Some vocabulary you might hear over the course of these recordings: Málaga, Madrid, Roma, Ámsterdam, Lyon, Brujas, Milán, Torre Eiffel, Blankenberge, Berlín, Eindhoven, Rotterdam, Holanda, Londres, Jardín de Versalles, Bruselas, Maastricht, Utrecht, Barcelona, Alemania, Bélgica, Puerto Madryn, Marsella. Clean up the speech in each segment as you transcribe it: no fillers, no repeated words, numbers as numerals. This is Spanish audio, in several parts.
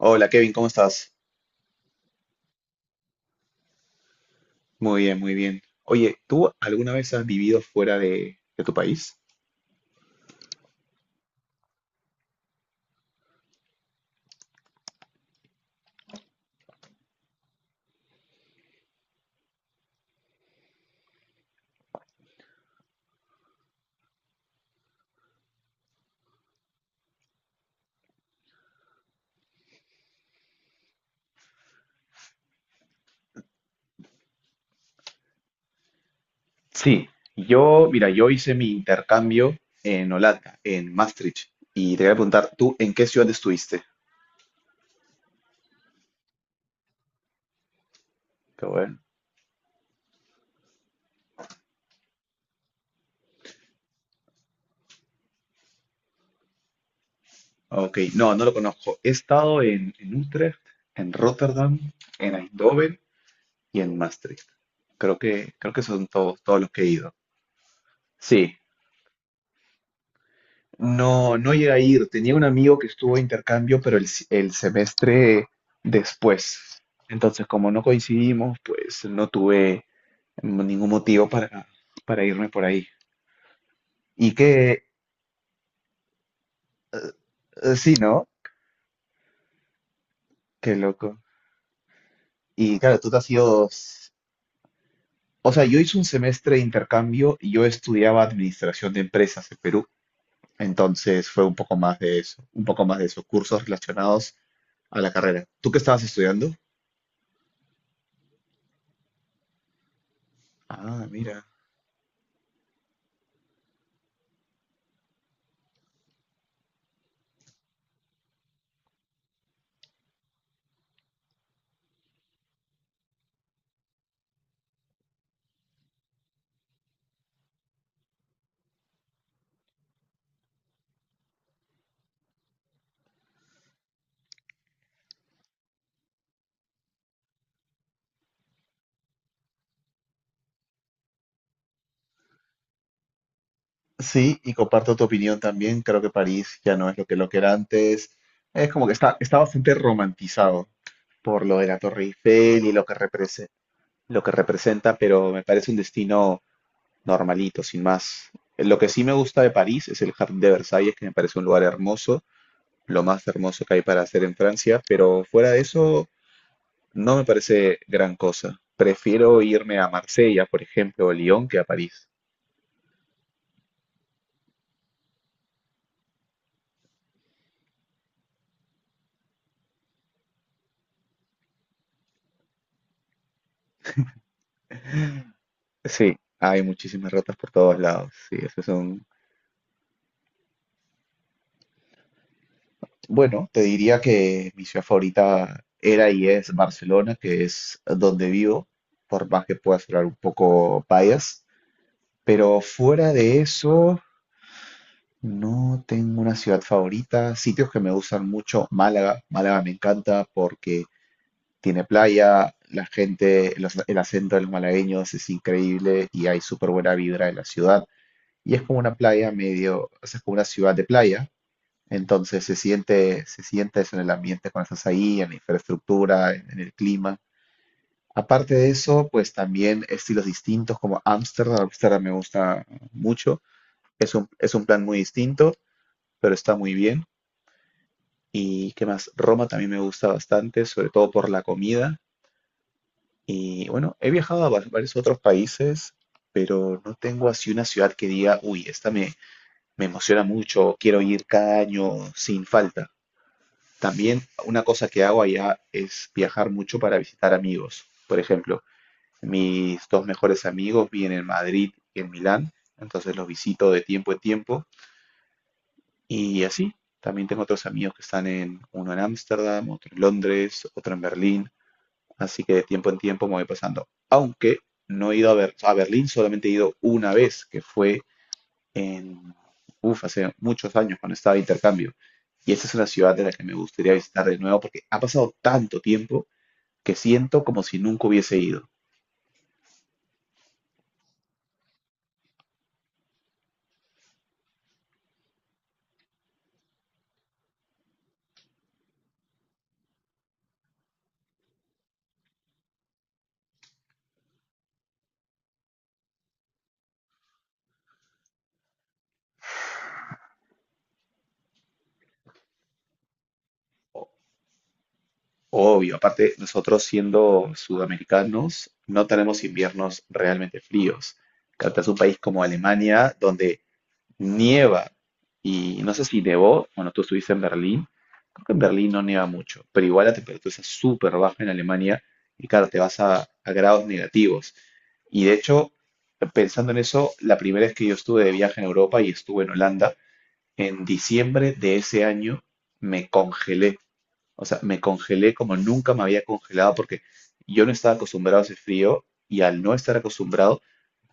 Hola Kevin, ¿cómo estás? Muy bien, muy bien. Oye, ¿tú alguna vez has vivido fuera de tu país? Sí, yo, mira, yo hice mi intercambio en Holanda, en Maastricht, y te voy a preguntar, ¿tú en qué ciudad estuviste? Qué bueno. Ok, no, no lo conozco. He estado en Utrecht, en Rotterdam, en Eindhoven y en Maastricht. Creo que son todos, todos los que he ido. Sí. No, no llegué a ir. Tenía un amigo que estuvo de intercambio, pero el, si- el semestre después. Entonces, como no coincidimos, pues no tuve ningún motivo para irme por ahí. Y que, sí, ¿no? Qué loco. Y claro, tú te has ido... O sea, yo hice un semestre de intercambio y yo estudiaba administración de empresas en Perú. Entonces fue un poco más de eso, un poco más de eso, cursos relacionados a la carrera. ¿Tú qué estabas estudiando? Ah, mira. Sí, y comparto tu opinión también. Creo que París ya no es lo que era antes. Es como que está, está bastante romantizado por lo de la Torre Eiffel y lo que lo que representa, pero me parece un destino normalito, sin más. Lo que sí me gusta de París es el Jardín de Versalles, que me parece un lugar hermoso, lo más hermoso que hay para hacer en Francia, pero fuera de eso no me parece gran cosa. Prefiero irme a Marsella, por ejemplo, o Lyon, que a París. Sí, hay muchísimas ratas por todos lados. Sí, eso es un... Bueno, te diría que mi ciudad favorita era y es Barcelona, que es donde vivo, por más que pueda sonar un poco bias. Pero fuera de eso, no tengo una ciudad favorita. Sitios que me gustan mucho, Málaga. Málaga me encanta porque tiene playa, la gente, el acento de los malagueños es increíble y hay súper buena vibra en la ciudad. Y es como una playa medio, o sea, es como una ciudad de playa, entonces se siente eso en el ambiente cuando estás ahí, en la infraestructura, en el clima. Aparte de eso, pues también estilos distintos como Ámsterdam. Ámsterdam me gusta mucho. Es un plan muy distinto, pero está muy bien. ¿Y qué más? Roma también me gusta bastante, sobre todo por la comida. Y bueno, he viajado a varios otros países, pero no tengo así una ciudad que diga, uy, me emociona mucho, quiero ir cada año sin falta. También una cosa que hago allá es viajar mucho para visitar amigos. Por ejemplo, mis dos mejores amigos viven en Madrid y en Milán, entonces los visito de tiempo en tiempo y así. También tengo otros amigos que están en uno en Ámsterdam, otro en Londres, otro en Berlín, así que de tiempo en tiempo me voy pasando. Aunque no he ido a, a Berlín, solamente he ido una vez, que fue en, uf, hace muchos años cuando estaba de intercambio. Y esta es una ciudad de la que me gustaría visitar de nuevo porque ha pasado tanto tiempo que siento como si nunca hubiese ido. O- Obvio, aparte nosotros siendo sudamericanos no tenemos inviernos realmente fríos. Claro, es un país como Alemania donde nieva. Y no sé si nevó, bueno, tú estuviste en Berlín. Creo que en Berlín no nieva mucho, pero igual la temperatura es súper baja en Alemania y claro, te vas a grados negativos. Y de hecho, pensando en eso, la primera vez que yo estuve de viaje en Europa y estuve en Holanda, en diciembre de ese año me congelé. O sea, me congelé como nunca me había congelado porque yo no estaba acostumbrado a ese frío y al no estar acostumbrado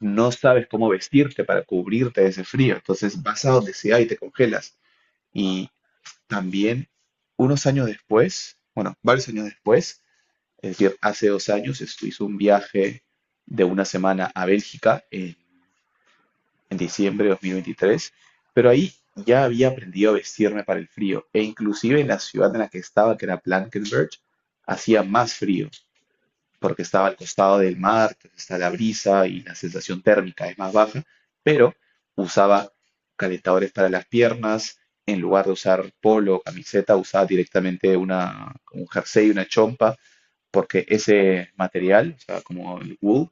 no sabes cómo vestirte para cubrirte de ese frío, entonces vas a donde sea y te congelas. Y también unos años después, bueno, varios años después, es decir, hace dos años, esto hizo un viaje de una semana a Bélgica en diciembre de 2023, pero ahí ya había aprendido a vestirme para el frío e inclusive en la ciudad en la que estaba, que era Blankenberge, hacía más frío porque estaba al costado del mar, está la brisa y la sensación térmica es más baja, pero usaba calentadores para las piernas, en lugar de usar polo o camiseta, usaba directamente una, un jersey, una chompa, porque ese material, o sea, como el wool,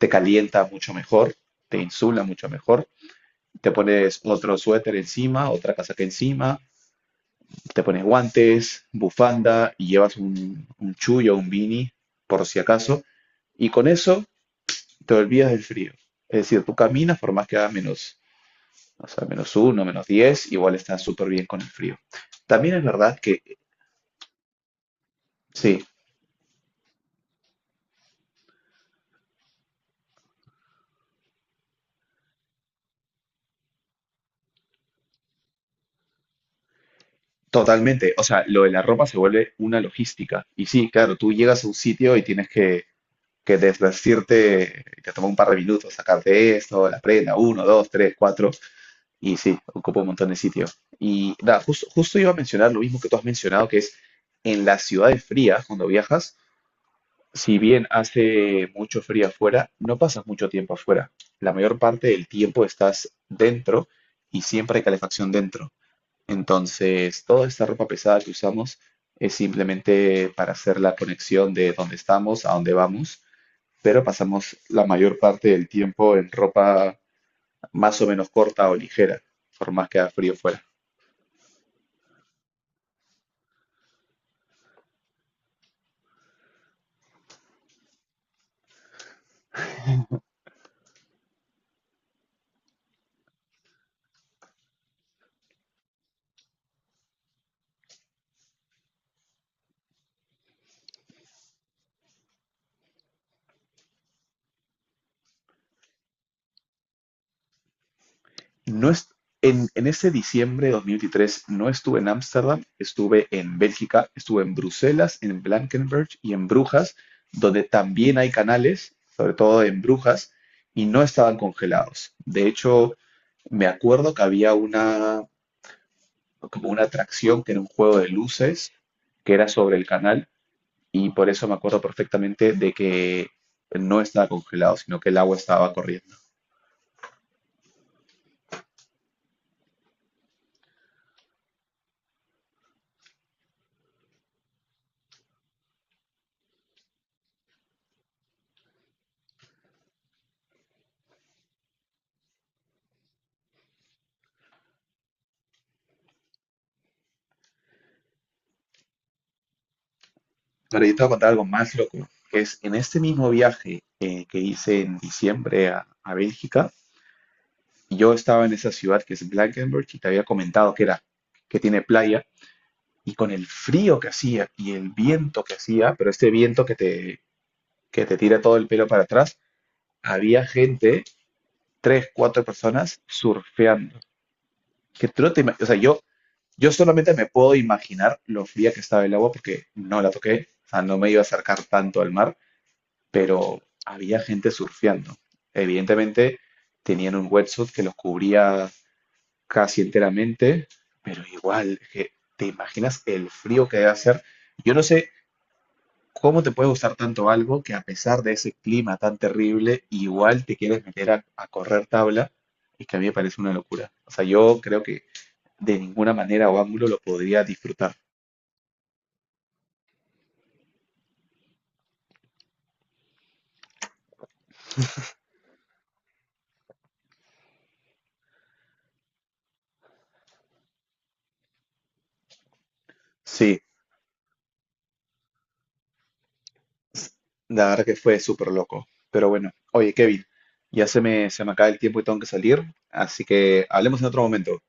te calienta mucho mejor, te insula mucho mejor, te pones otro suéter encima, otra casaca encima, te pones guantes, bufanda y llevas un chullo, un beanie, por si acaso, y con eso y te olvidas del frío. Es decir, tú caminas por más que haga menos, o sea, menos uno, menos 10 igual estás súper bien con el frío. También es verdad que, sí, totalmente. O sea, lo de la ropa se vuelve una logística. Y sí, claro, tú llegas a un sitio y tienes que desvestirte, te toma un par de minutos sacarte esto, la prenda, uno, dos, tres, cuatro, y sí, ocupa un montón de sitio. Y nada, justo, justo iba a mencionar lo mismo que tú has mencionado, que es en las ciudades frías, cuando viajas, si bien hace mucho frío afuera, no pasas mucho tiempo afuera. La mayor parte del tiempo estás dentro y siempre hay calefacción dentro. Entonces, toda esta ropa pesada que usamos es simplemente para hacer la conexión de dónde estamos a dónde vamos, pero pasamos la mayor parte del tiempo en ropa más o menos corta o ligera, por más que haga frío fuera. No es, en ese diciembre de 2023 no estuve en Ámsterdam, estuve en Bélgica, estuve en Bruselas, en Blankenberg y en Brujas, donde también hay canales, sobre todo en Brujas, y no estaban congelados. De hecho, me acuerdo que había una, como una atracción que era un juego de luces que era sobre el canal y por eso me acuerdo perfectamente de que no estaba congelado, sino que el agua estaba corriendo. Pero yo te voy a contar algo más loco, que es en este mismo viaje que hice en diciembre a Bélgica, yo estaba en esa ciudad que es Blankenberge y te había comentado que era, que tiene playa, y con el frío que hacía y el viento que hacía, pero este viento que te tira todo el pelo para atrás, había gente, tres, cuatro personas surfeando. Que tú no te o sea, yo solamente me puedo imaginar lo fría que estaba el agua porque no la toqué, o sea, no me iba a acercar tanto al mar, pero había gente surfeando. Evidentemente tenían un wetsuit que los cubría casi enteramente, pero igual, ¿te imaginas el frío que debe hacer? Yo no sé cómo te puede gustar tanto algo que, a pesar de ese clima tan terrible, igual te quieres meter a correr tabla y que a mí me parece una locura. O sea, yo creo que de ninguna manera o ángulo lo podría disfrutar. Sí, la verdad que fue súper loco. Pero bueno, oye, Kevin, ya se se me acaba el tiempo y tengo que salir, así que hablemos en otro momento.